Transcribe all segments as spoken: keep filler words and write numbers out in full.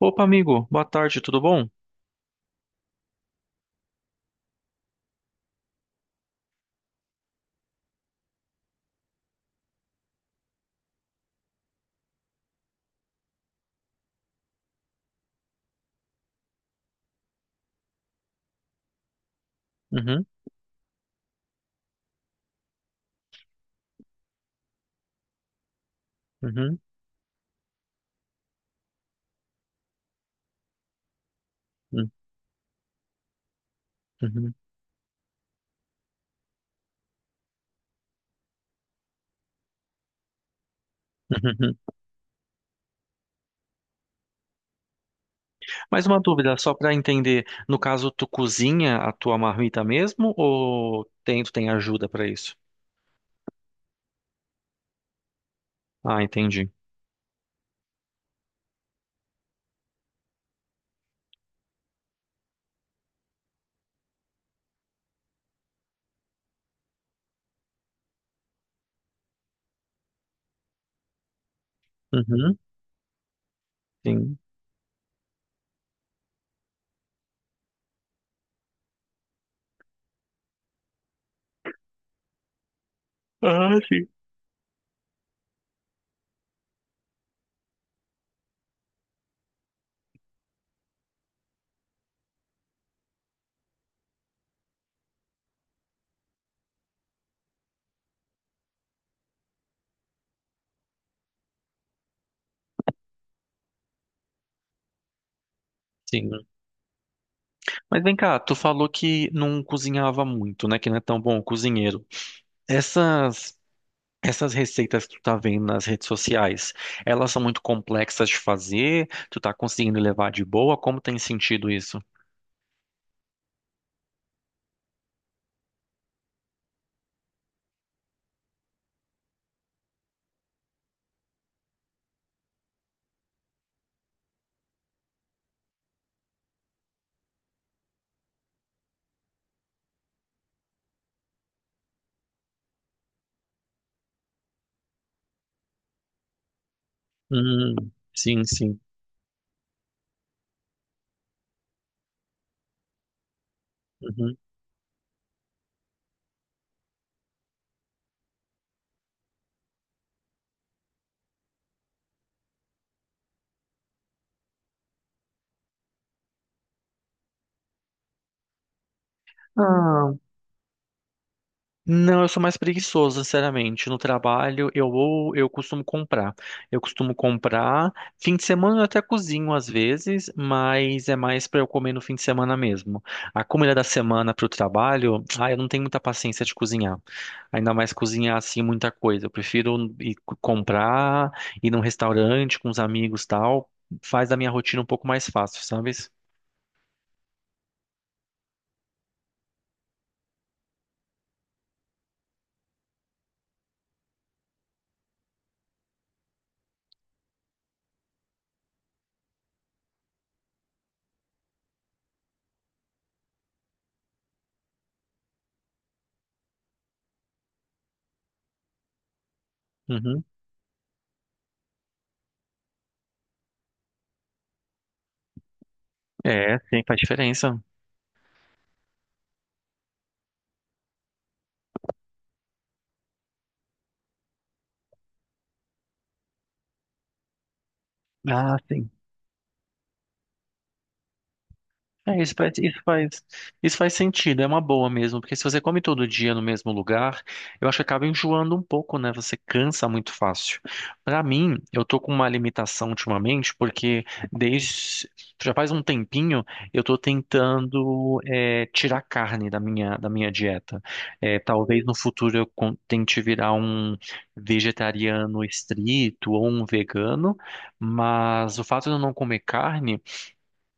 Opa, amigo, boa tarde, tudo bom? Uhum, uhum, uhum, uhum, uhum. Mais uma dúvida, só para entender, no caso, tu cozinha a tua marmita mesmo ou tem, tu tem ajuda para isso? Ah, entendi. Uhum, sim. Ah, sim. Sim. Mas vem cá, tu falou que não cozinhava muito, né? Que não é tão bom cozinheiro. Essas essas receitas que tu tá vendo nas redes sociais, elas são muito complexas de fazer? Tu tá conseguindo levar de boa? Como tem sentido isso? Hum, sim, sim. Uhum. Ah, não, eu sou mais preguiçoso, sinceramente. No trabalho, eu ou eu costumo comprar. Eu costumo comprar. Fim de semana eu até cozinho às vezes, mas é mais para eu comer no fim de semana mesmo. A comida da semana para o trabalho, ah, eu não tenho muita paciência de cozinhar. Ainda mais cozinhar assim muita coisa. Eu prefiro ir co- comprar, ir num restaurante com os amigos, e tal. Faz da minha rotina um pouco mais fácil, sabe? Uhum. É, sim, faz diferença. Ah, sim. É, isso faz, isso faz, isso faz sentido, é uma boa mesmo, porque se você come todo dia no mesmo lugar, eu acho que acaba enjoando um pouco, né? Você cansa muito fácil. Pra mim, eu tô com uma limitação ultimamente, porque desde já faz um tempinho eu tô tentando é, tirar carne da minha, da minha dieta. É, talvez no futuro eu con- tente virar um vegetariano estrito ou um vegano, mas o fato de eu não comer carne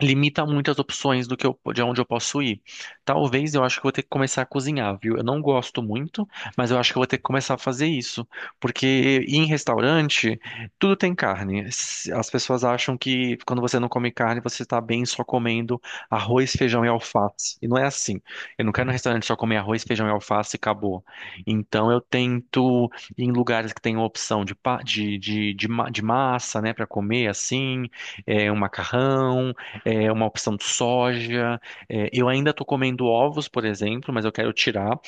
limita muito as opções do que eu, de onde eu posso ir. Talvez eu acho que eu vou ter que começar a cozinhar, viu? Eu não gosto muito, mas eu acho que eu vou ter que começar a fazer isso, porque ir em restaurante tudo tem carne. S- As pessoas acham que quando você não come carne, você está bem só comendo arroz, feijão e alface. E não é assim. Eu não quero ir no restaurante só comer arroz, feijão e alface e acabou. Então eu tento ir em lugares que tem opção de, pa- de, de, de, ma- de massa, né, para comer assim, é, um macarrão é uma opção de soja. É, eu ainda estou comendo ovos, por exemplo, mas eu quero tirar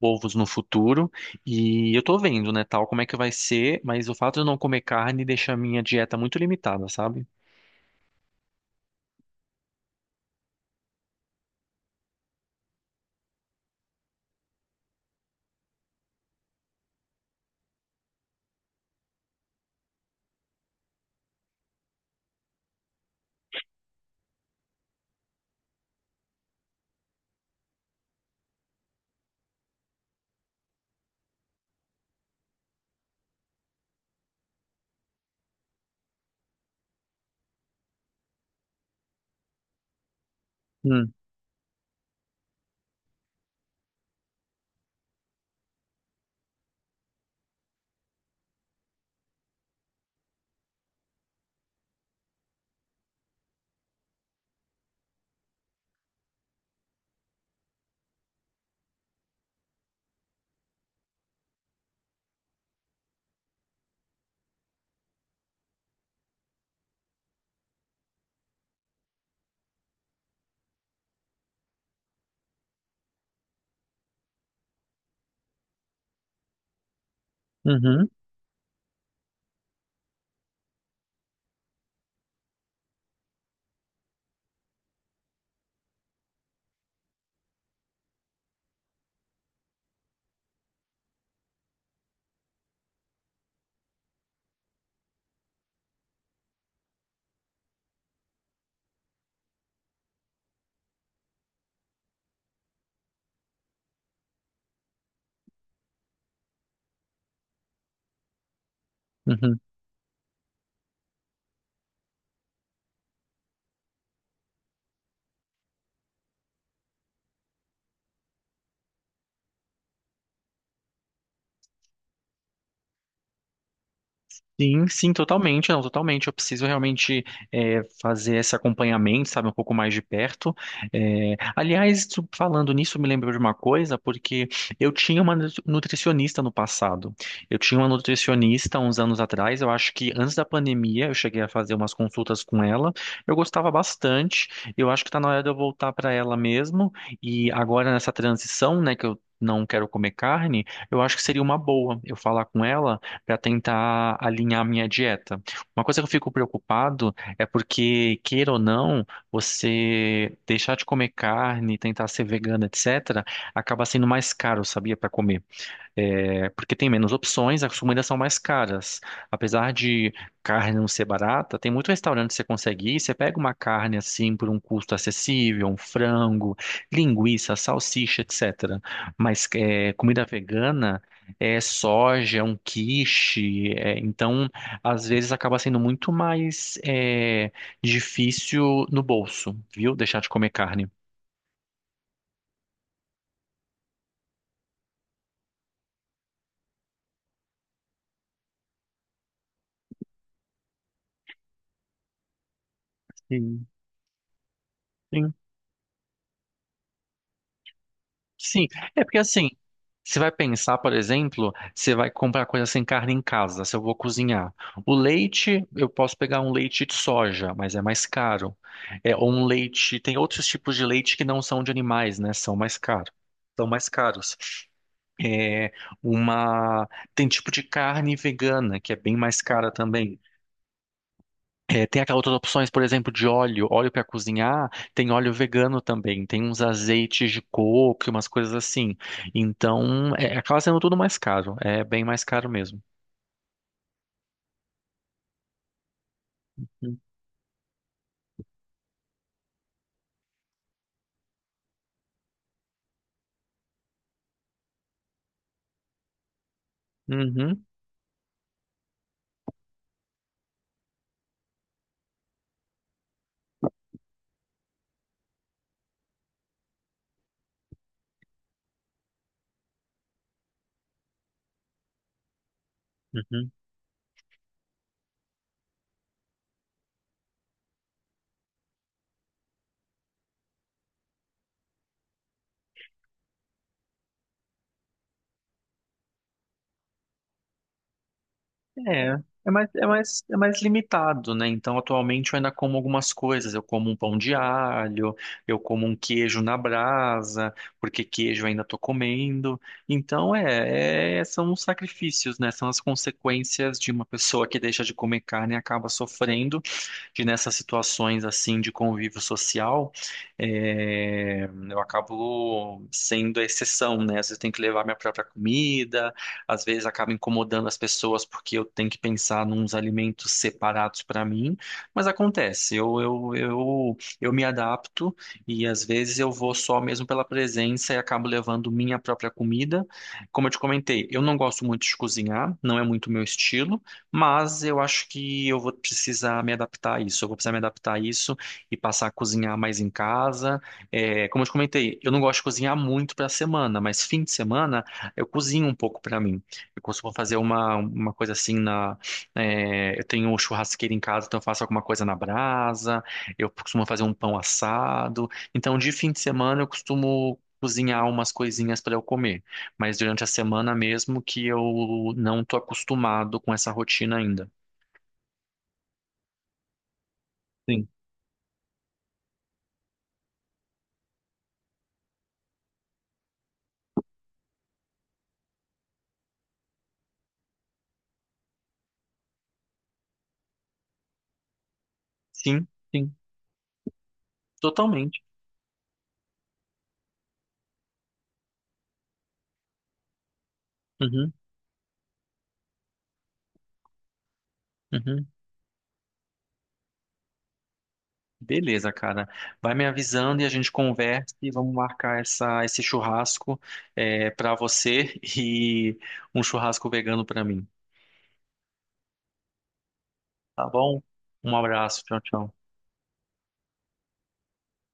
ovos no futuro. E eu estou vendo, né, tal, como é que vai ser, mas o fato de eu não comer carne deixa a minha dieta muito limitada, sabe? Hum, uhum, uhum. Sim, sim, totalmente, não, totalmente. Eu preciso realmente é, fazer esse acompanhamento, sabe, um pouco mais de perto. É, aliás, tu- falando nisso, me lembrou de uma coisa, porque eu tinha uma nu- nutricionista no passado. Eu tinha uma nutricionista uns anos atrás, eu acho que antes da pandemia eu cheguei a fazer umas consultas com ela. Eu gostava bastante, eu acho que está na hora de eu voltar para ela mesmo. E agora nessa transição, né, que eu não quero comer carne, eu acho que seria uma boa eu falar com ela para tentar alinhar a minha dieta. Uma coisa que eu fico preocupado é porque, queira ou não, você deixar de comer carne, tentar ser vegana, etcétera, acaba sendo mais caro, sabia, para comer. É, porque tem menos opções, as comidas são mais caras. Apesar de carne não ser barata, tem muito restaurante que você consegue ir, você pega uma carne assim por um custo acessível, um frango, linguiça, salsicha, etcétera. Mas é, comida vegana é soja, é um quiche, é, então às vezes acaba sendo muito mais é, difícil no bolso, viu? Deixar de comer carne. Sim. Sim. Sim, é porque assim, você vai pensar, por exemplo, você vai comprar coisa sem carne em casa, se eu vou cozinhar. O leite, eu posso pegar um leite de soja, mas é mais caro. É, ou um leite, tem outros tipos de leite que não são de animais, né? São mais caros. São mais caros. É uma, tem tipo de carne vegana, que é bem mais cara também. É, tem aquelas outras opções, por exemplo, de óleo, óleo para cozinhar, tem óleo vegano também, tem uns azeites de coco, e umas coisas assim. Então, é, acaba sendo tudo mais caro, é bem mais caro mesmo. Uhum, uhum. É, é mais, é mais, é mais limitado, né? Então, atualmente eu ainda como algumas coisas. Eu como um pão de alho, eu como um queijo na brasa, porque queijo eu ainda tô comendo. Então, é, é- são os sacrifícios, né? São as consequências de uma pessoa que deixa de comer carne e acaba sofrendo, que nessas situações, assim, de convívio social, é, eu acabo sendo a exceção, né? Às vezes eu tenho que levar minha própria comida, às vezes acaba incomodando as pessoas porque eu tenho que pensar nos alimentos separados para mim, mas acontece, eu, eu, eu, eu me adapto e às vezes eu vou só mesmo pela presença e acabo levando minha própria comida. Como eu te comentei, eu não gosto muito de cozinhar, não é muito meu estilo, mas eu acho que eu vou precisar me adaptar a isso, eu vou precisar me adaptar a isso e passar a cozinhar mais em casa. É, como eu te comentei, eu não gosto de cozinhar muito para a semana, mas fim de semana eu cozinho um pouco pra mim. Eu costumo fazer uma, uma coisa assim na. É, eu tenho churrasqueira em casa, então eu faço alguma coisa na brasa. Eu costumo fazer um pão assado. Então, de fim de semana, eu costumo cozinhar umas coisinhas para eu comer. Mas durante a semana mesmo que eu não tô acostumado com essa rotina ainda. Sim. Sim, sim. Totalmente. Uhum, uhum. Beleza, cara. Vai me avisando e a gente conversa e vamos marcar essa, esse churrasco é, para você e um churrasco vegano para mim. Tá bom? Um abraço. Tchau, tchau.